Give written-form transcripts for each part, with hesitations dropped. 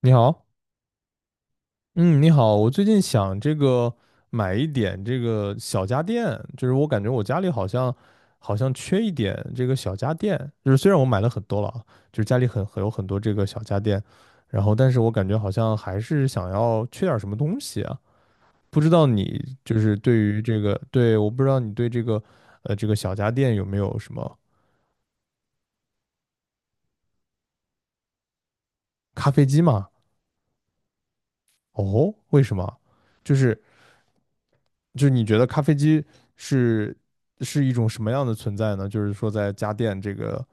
你好，嗯，你好，我最近想这个买一点这个小家电，就是我感觉我家里好像缺一点这个小家电，就是虽然我买了很多了啊，就是家里很有很多这个小家电，然后但是我感觉好像还是想要缺点什么东西啊，不知道你就是对于这个，对，我不知道你对这个小家电有没有什么咖啡机嘛？哦，为什么？就是。就是你觉得咖啡机是是一种什么样的存在呢？就是说在家电这个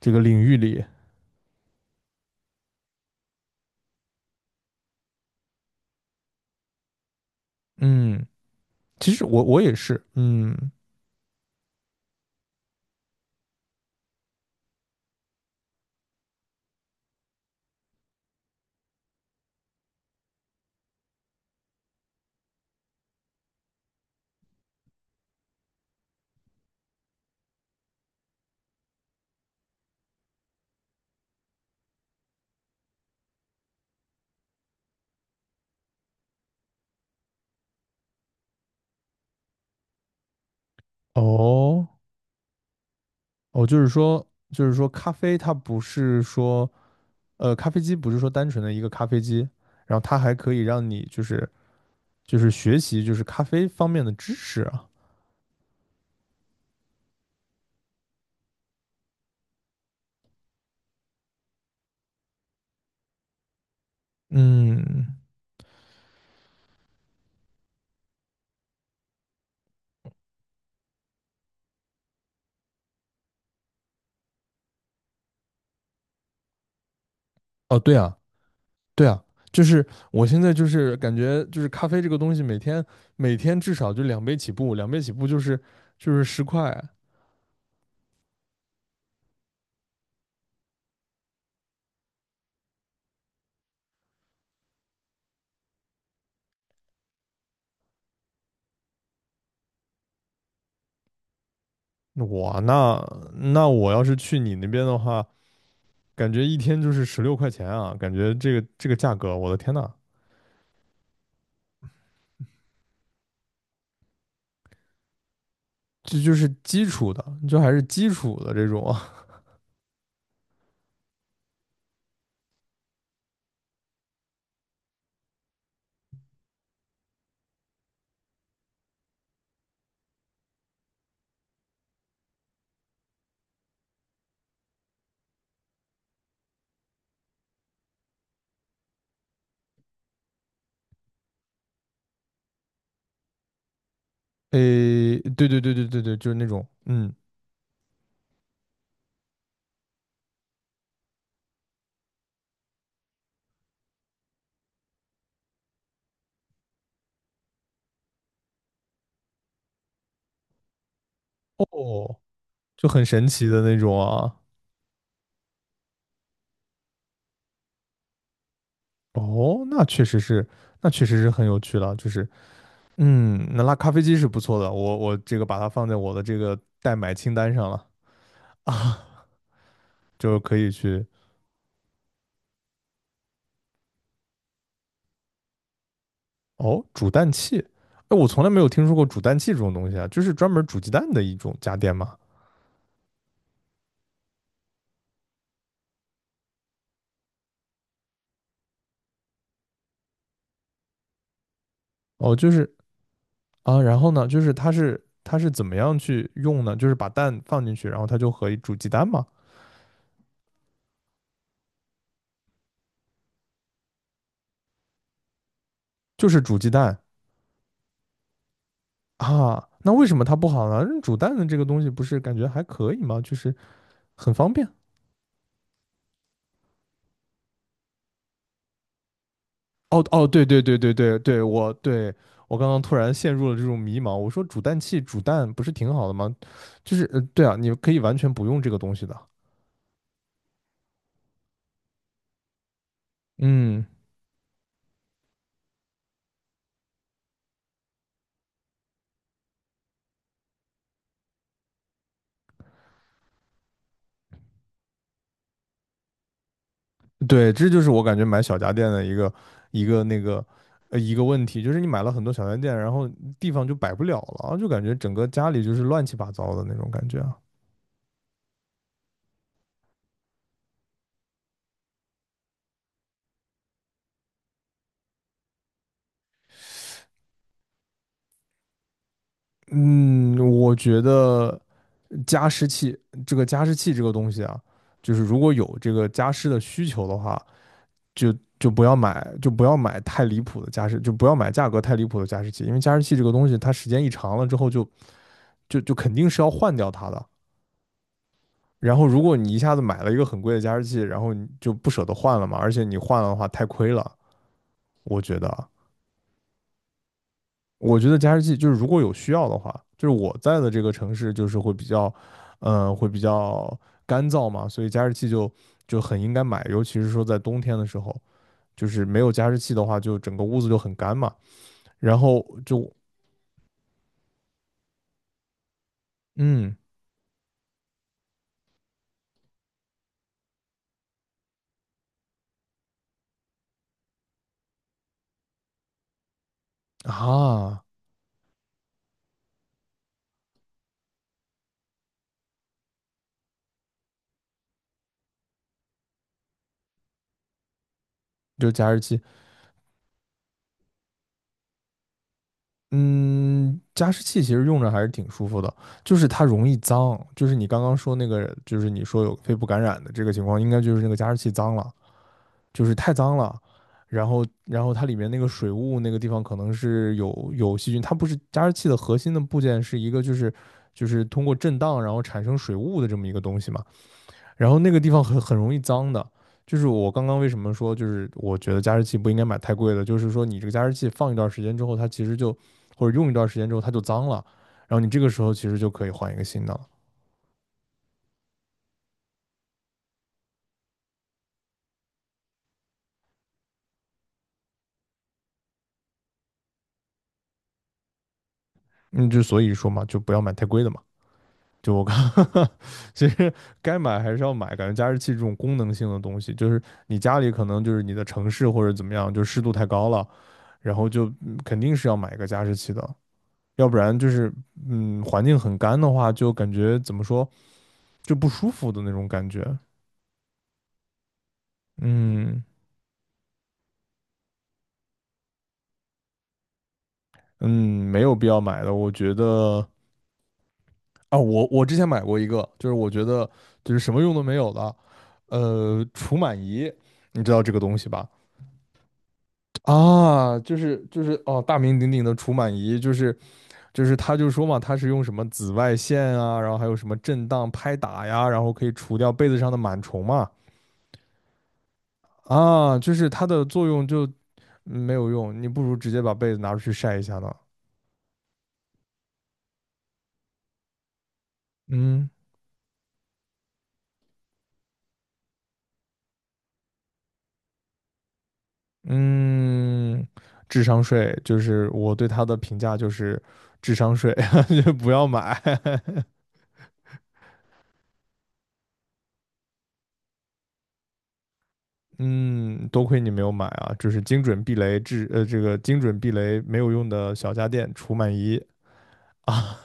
这个领域里，嗯，其实我也是，哦哦，就是说咖啡它不是说咖啡机不是说单纯的一个咖啡机，然后它还可以让你就是学习就是咖啡方面的知识啊，嗯，哦对啊，对啊，就是我现在就是感觉就是咖啡这个东西，每天每天至少就两杯起步，两杯起步就是10块。那我要是去你那边的话，感觉一天就是16块钱啊，感觉这个价格，我的天呐，这就是基础的，就还是基础的这种啊。诶，对对对对对对，就是那种哦，就很神奇的那种啊。哦，那确实是，那确实是很有趣了，就是。那拉咖啡机是不错的，我这个把它放在我的这个代买清单上了啊，就可以去哦，煮蛋器，哎，我从来没有听说过煮蛋器这种东西啊，就是专门煮鸡蛋的一种家电嘛。哦，就是啊，然后呢，就是它是怎么样去用呢？就是把蛋放进去，然后它就可以煮鸡蛋嘛，就是煮鸡蛋啊。那为什么它不好呢？煮蛋的这个东西不是感觉还可以吗？就是很方便哦哦，对对对对对对，我刚刚突然陷入了这种迷茫。我说煮蛋器煮蛋不是挺好的吗？就是对啊，你可以完全不用这个东西的。嗯，对，这就是我感觉买小家电的一个那个一个问题，就是你买了很多小家电，然后地方就摆不了了，就感觉整个家里就是乱七八糟的那种感觉啊。嗯，我觉得加湿器这个加湿器这个东西啊，就是如果有这个加湿的需求的话。就不要买，就不要买太离谱的加湿，就不要买价格太离谱的加湿器，因为加湿器这个东西，它时间一长了之后就肯定是要换掉它的。然后，如果你一下子买了一个很贵的加湿器，然后你就不舍得换了嘛，而且你换了的话太亏了。我觉得，我觉得加湿器就是如果有需要的话，就是我在的这个城市就是会比较干燥嘛，所以加湿器就很应该买，尤其是说在冬天的时候。就是没有加湿器的话，就整个屋子就很干嘛。然后就嗯啊，就是加湿器其实用着还是挺舒服的，就是它容易脏，就是你刚刚说那个，就是你说有肺部感染的这个情况，应该就是那个加湿器脏了，就是太脏了，然后它里面那个水雾那个地方可能是有细菌，它不是加湿器的核心的部件是一个就是通过震荡然后产生水雾的这么一个东西嘛。然后那个地方很容易脏的，就是我刚刚为什么说，就是我觉得加湿器不应该买太贵的，就是说你这个加湿器放一段时间之后，它其实就或者用一段时间之后它就脏了，然后你这个时候其实就可以换一个新的了。嗯，就所以说嘛，就不要买太贵的嘛。就我刚 其实该买还是要买，感觉加湿器这种功能性的东西，就是你家里可能就是你的城市或者怎么样，就湿度太高了，然后就肯定是要买一个加湿器的，要不然就是环境很干的话，就感觉怎么说，就不舒服的那种感觉。嗯嗯，没有必要买的，我觉得啊，我之前买过一个，就是我觉得就是什么用都没有的，除螨仪，你知道这个东西吧？啊，就是哦，大名鼎鼎的除螨仪，就是他就说嘛，他是用什么紫外线啊，然后还有什么震荡拍打呀，然后可以除掉被子上的螨虫嘛。啊，就是它的作用就没有用，你不如直接把被子拿出去晒一下呢。嗯嗯，智商税就是我对它的评价就是智商税，就不要买。嗯，多亏你没有买啊，就是精准避雷智呃这个精准避雷没有用的小家电除螨仪啊。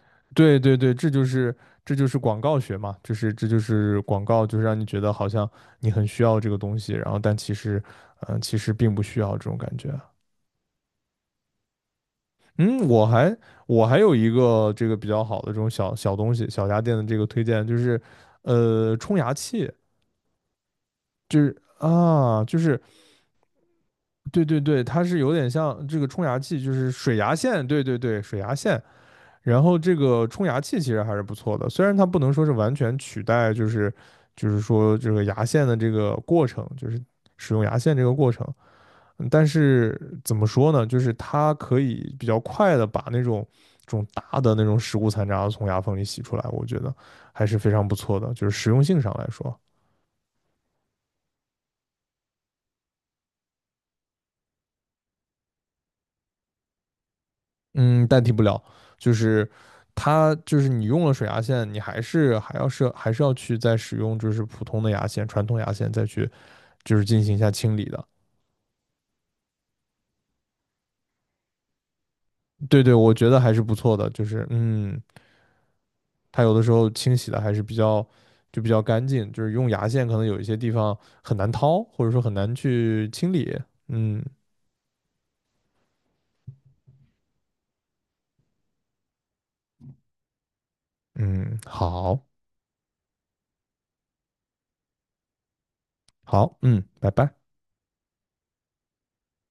对对对，这就是广告学嘛，就是这就是广告，就是让你觉得好像你很需要这个东西，然后但其实并不需要这种感觉。嗯，我还有一个这个比较好的这种小小东西，小家电的这个推荐就是，冲牙器，就是啊，就是对对对，它是有点像这个冲牙器，就是水牙线，对对对，水牙线。然后这个冲牙器其实还是不错的，虽然它不能说是完全取代，就是说这个牙线的这个过程，就是使用牙线这个过程，但是怎么说呢，就是它可以比较快的把那种这种大的那种食物残渣从牙缝里洗出来，我觉得还是非常不错的，就是实用性上来说，嗯，代替不了，就是它就是你用了水牙线，你还是要去再使用就是普通的牙线、传统牙线再去就是进行一下清理的。对对，我觉得还是不错的，就是它有的时候清洗的还是比较干净，就是用牙线可能有一些地方很难掏，或者说很难去清理。嗯嗯，好，好，嗯，拜拜。